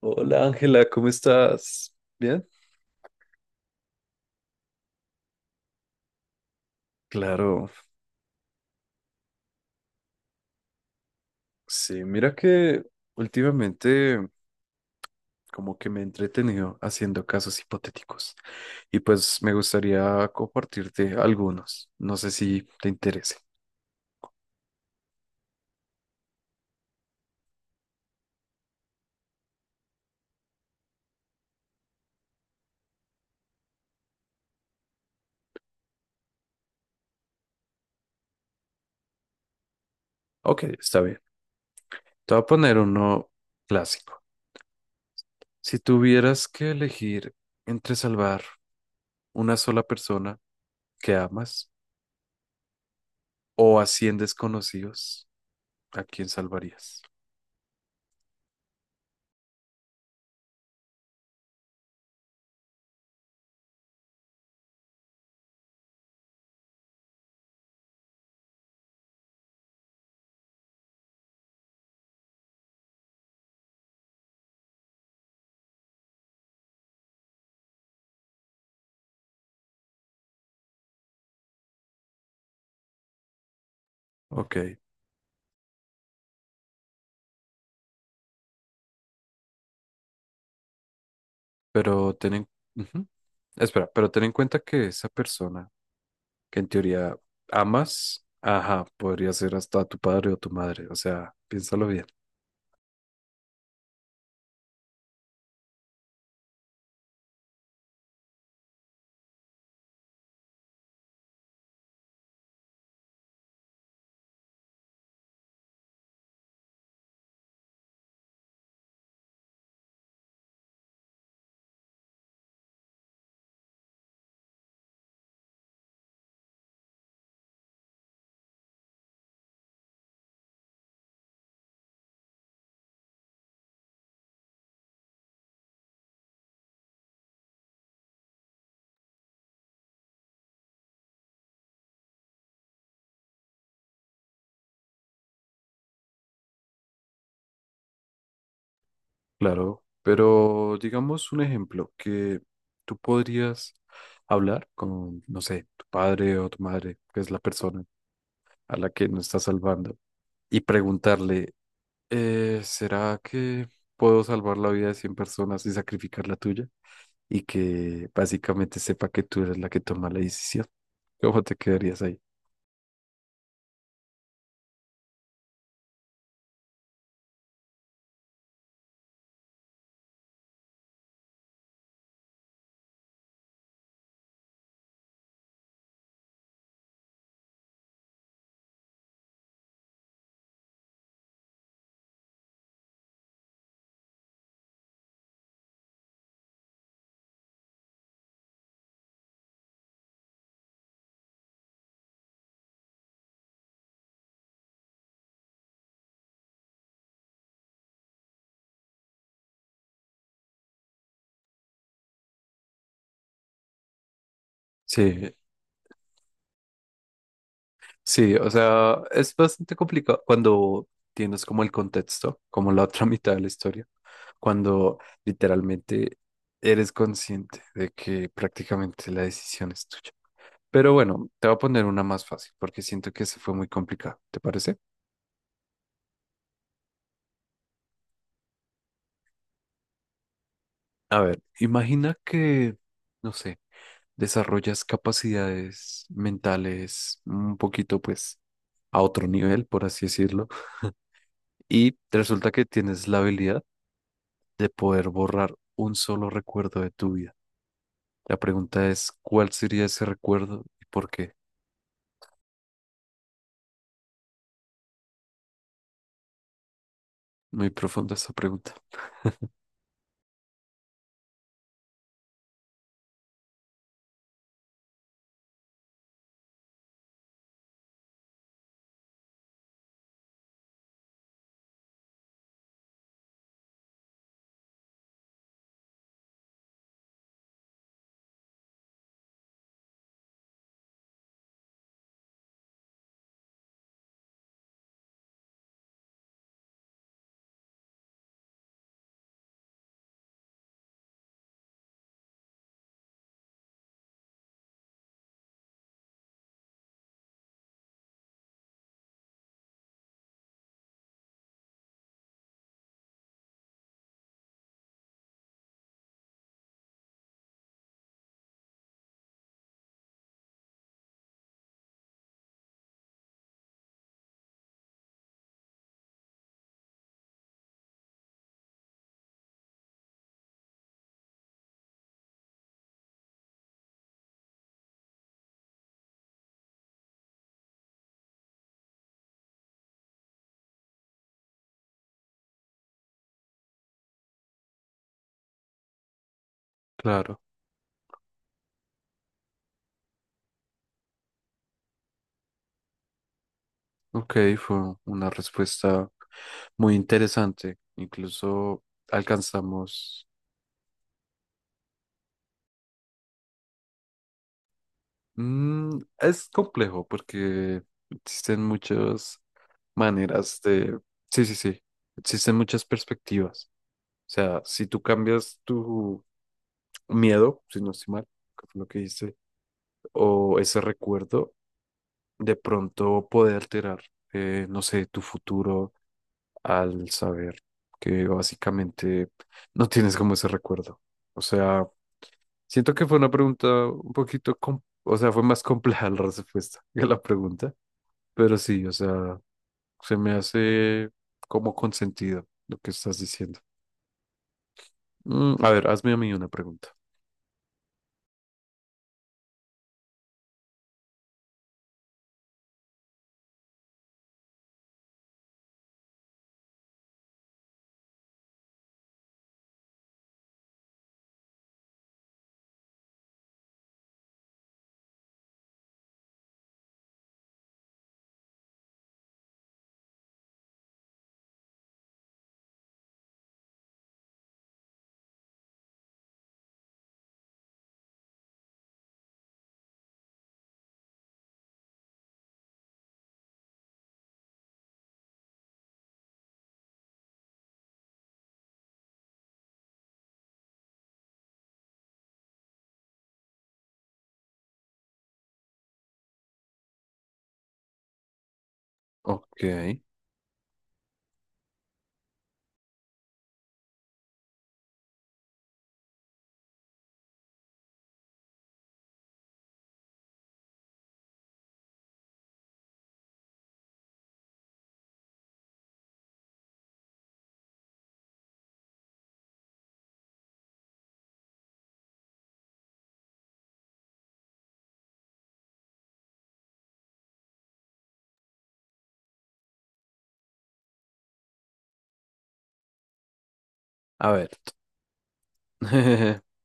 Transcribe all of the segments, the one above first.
Hola Ángela, ¿cómo estás? ¿Bien? Claro, sí, mira que últimamente como que me he entretenido haciendo casos hipotéticos y pues me gustaría compartirte algunos, no sé si te interese. Ok, está bien. Te voy a poner uno clásico. Si tuvieras que elegir entre salvar una sola persona que amas o a 100 desconocidos, ¿a quién salvarías? Ok, pero ten en... ujú. Espera, pero ten en cuenta que esa persona que en teoría amas, ajá, podría ser hasta tu padre o tu madre, o sea, piénsalo bien, claro, pero digamos un ejemplo que tú podrías hablar con, no sé, tu padre o tu madre, que es la persona a la que no estás salvando, y preguntarle, ¿será que puedo salvar la vida de 100 personas y sacrificar la tuya? Y que básicamente sepa que tú eres la que toma la decisión. ¿Cómo te quedarías ahí? Sí, sí, o sea, es bastante complicado cuando tienes como el contexto, como la otra mitad de la historia, cuando literalmente eres consciente de que prácticamente la decisión es tuya. Pero bueno, te voy a poner una más fácil porque siento que se fue muy complicado, ¿te parece? A ver, imagina que, no sé, desarrollas capacidades mentales un poquito pues a otro nivel, por así decirlo, y resulta que tienes la habilidad de poder borrar un solo recuerdo de tu vida. La pregunta es, ¿cuál sería ese recuerdo y por qué? Muy profunda esta pregunta. Claro, ok, fue una respuesta muy interesante. Incluso alcanzamos... Mm, es complejo porque existen muchas maneras de... Sí, sí, sí. Existen muchas perspectivas. O sea, si tú cambias tu miedo, si no estoy mal, que fue lo que hice, o ese recuerdo de pronto puede alterar, no sé, tu futuro al saber que básicamente no tienes como ese recuerdo. O sea, siento que fue una pregunta un poquito, o sea, fue más compleja la respuesta que la pregunta, pero sí, o sea, se me hace como consentido lo que estás diciendo. Mm, a ver, hazme a mí una pregunta. Ok, a ver.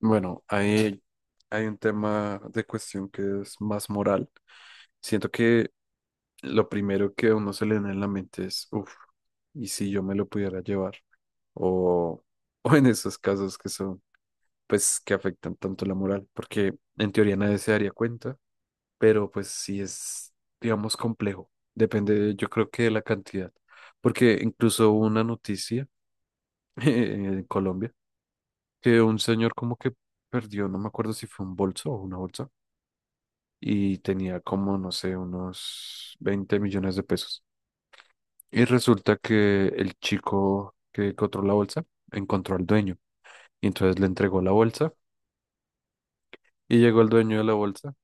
Bueno, hay un tema de cuestión que es más moral. Siento que lo primero que a uno se le viene en la mente es, uff, ¿y si yo me lo pudiera llevar? O, o en esos casos que son, pues, que afectan tanto la moral, porque en teoría nadie se daría cuenta, pero pues sí es, digamos, complejo. Depende, yo creo que de la cantidad, porque incluso hubo una noticia en Colombia que un señor como que perdió, no me acuerdo si fue un bolso o una bolsa y tenía como, no sé, unos 20 millones de pesos. Y resulta que el chico que encontró la bolsa encontró al dueño y entonces le entregó la bolsa y llegó el dueño de la bolsa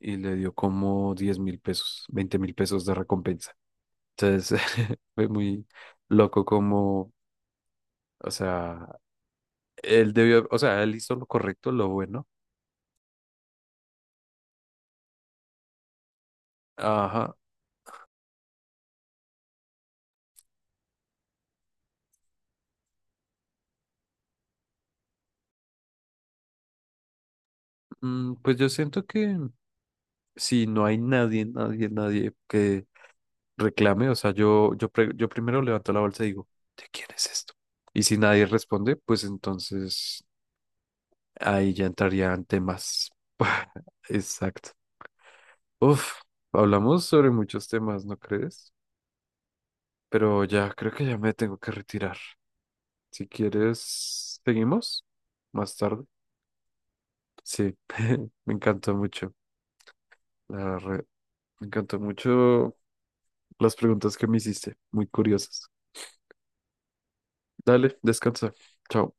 y le dio como 10.000 pesos, 20.000 pesos de recompensa. Entonces fue muy loco como, o sea, él debió, o sea, él hizo lo correcto, lo bueno. Ajá, mm, pues yo siento que si no hay nadie, nadie, nadie que reclame, o sea, yo primero levanto la bolsa y digo, ¿de quién es esto? Y si nadie responde, pues entonces ahí ya entrarían temas. Exacto. Uf, hablamos sobre muchos temas, ¿no crees? Pero ya creo que ya me tengo que retirar. Si quieres, seguimos más tarde. Sí, me encantó mucho. la re- Me encantó mucho las preguntas que me hiciste, muy curiosas. Dale, descansa. Chao.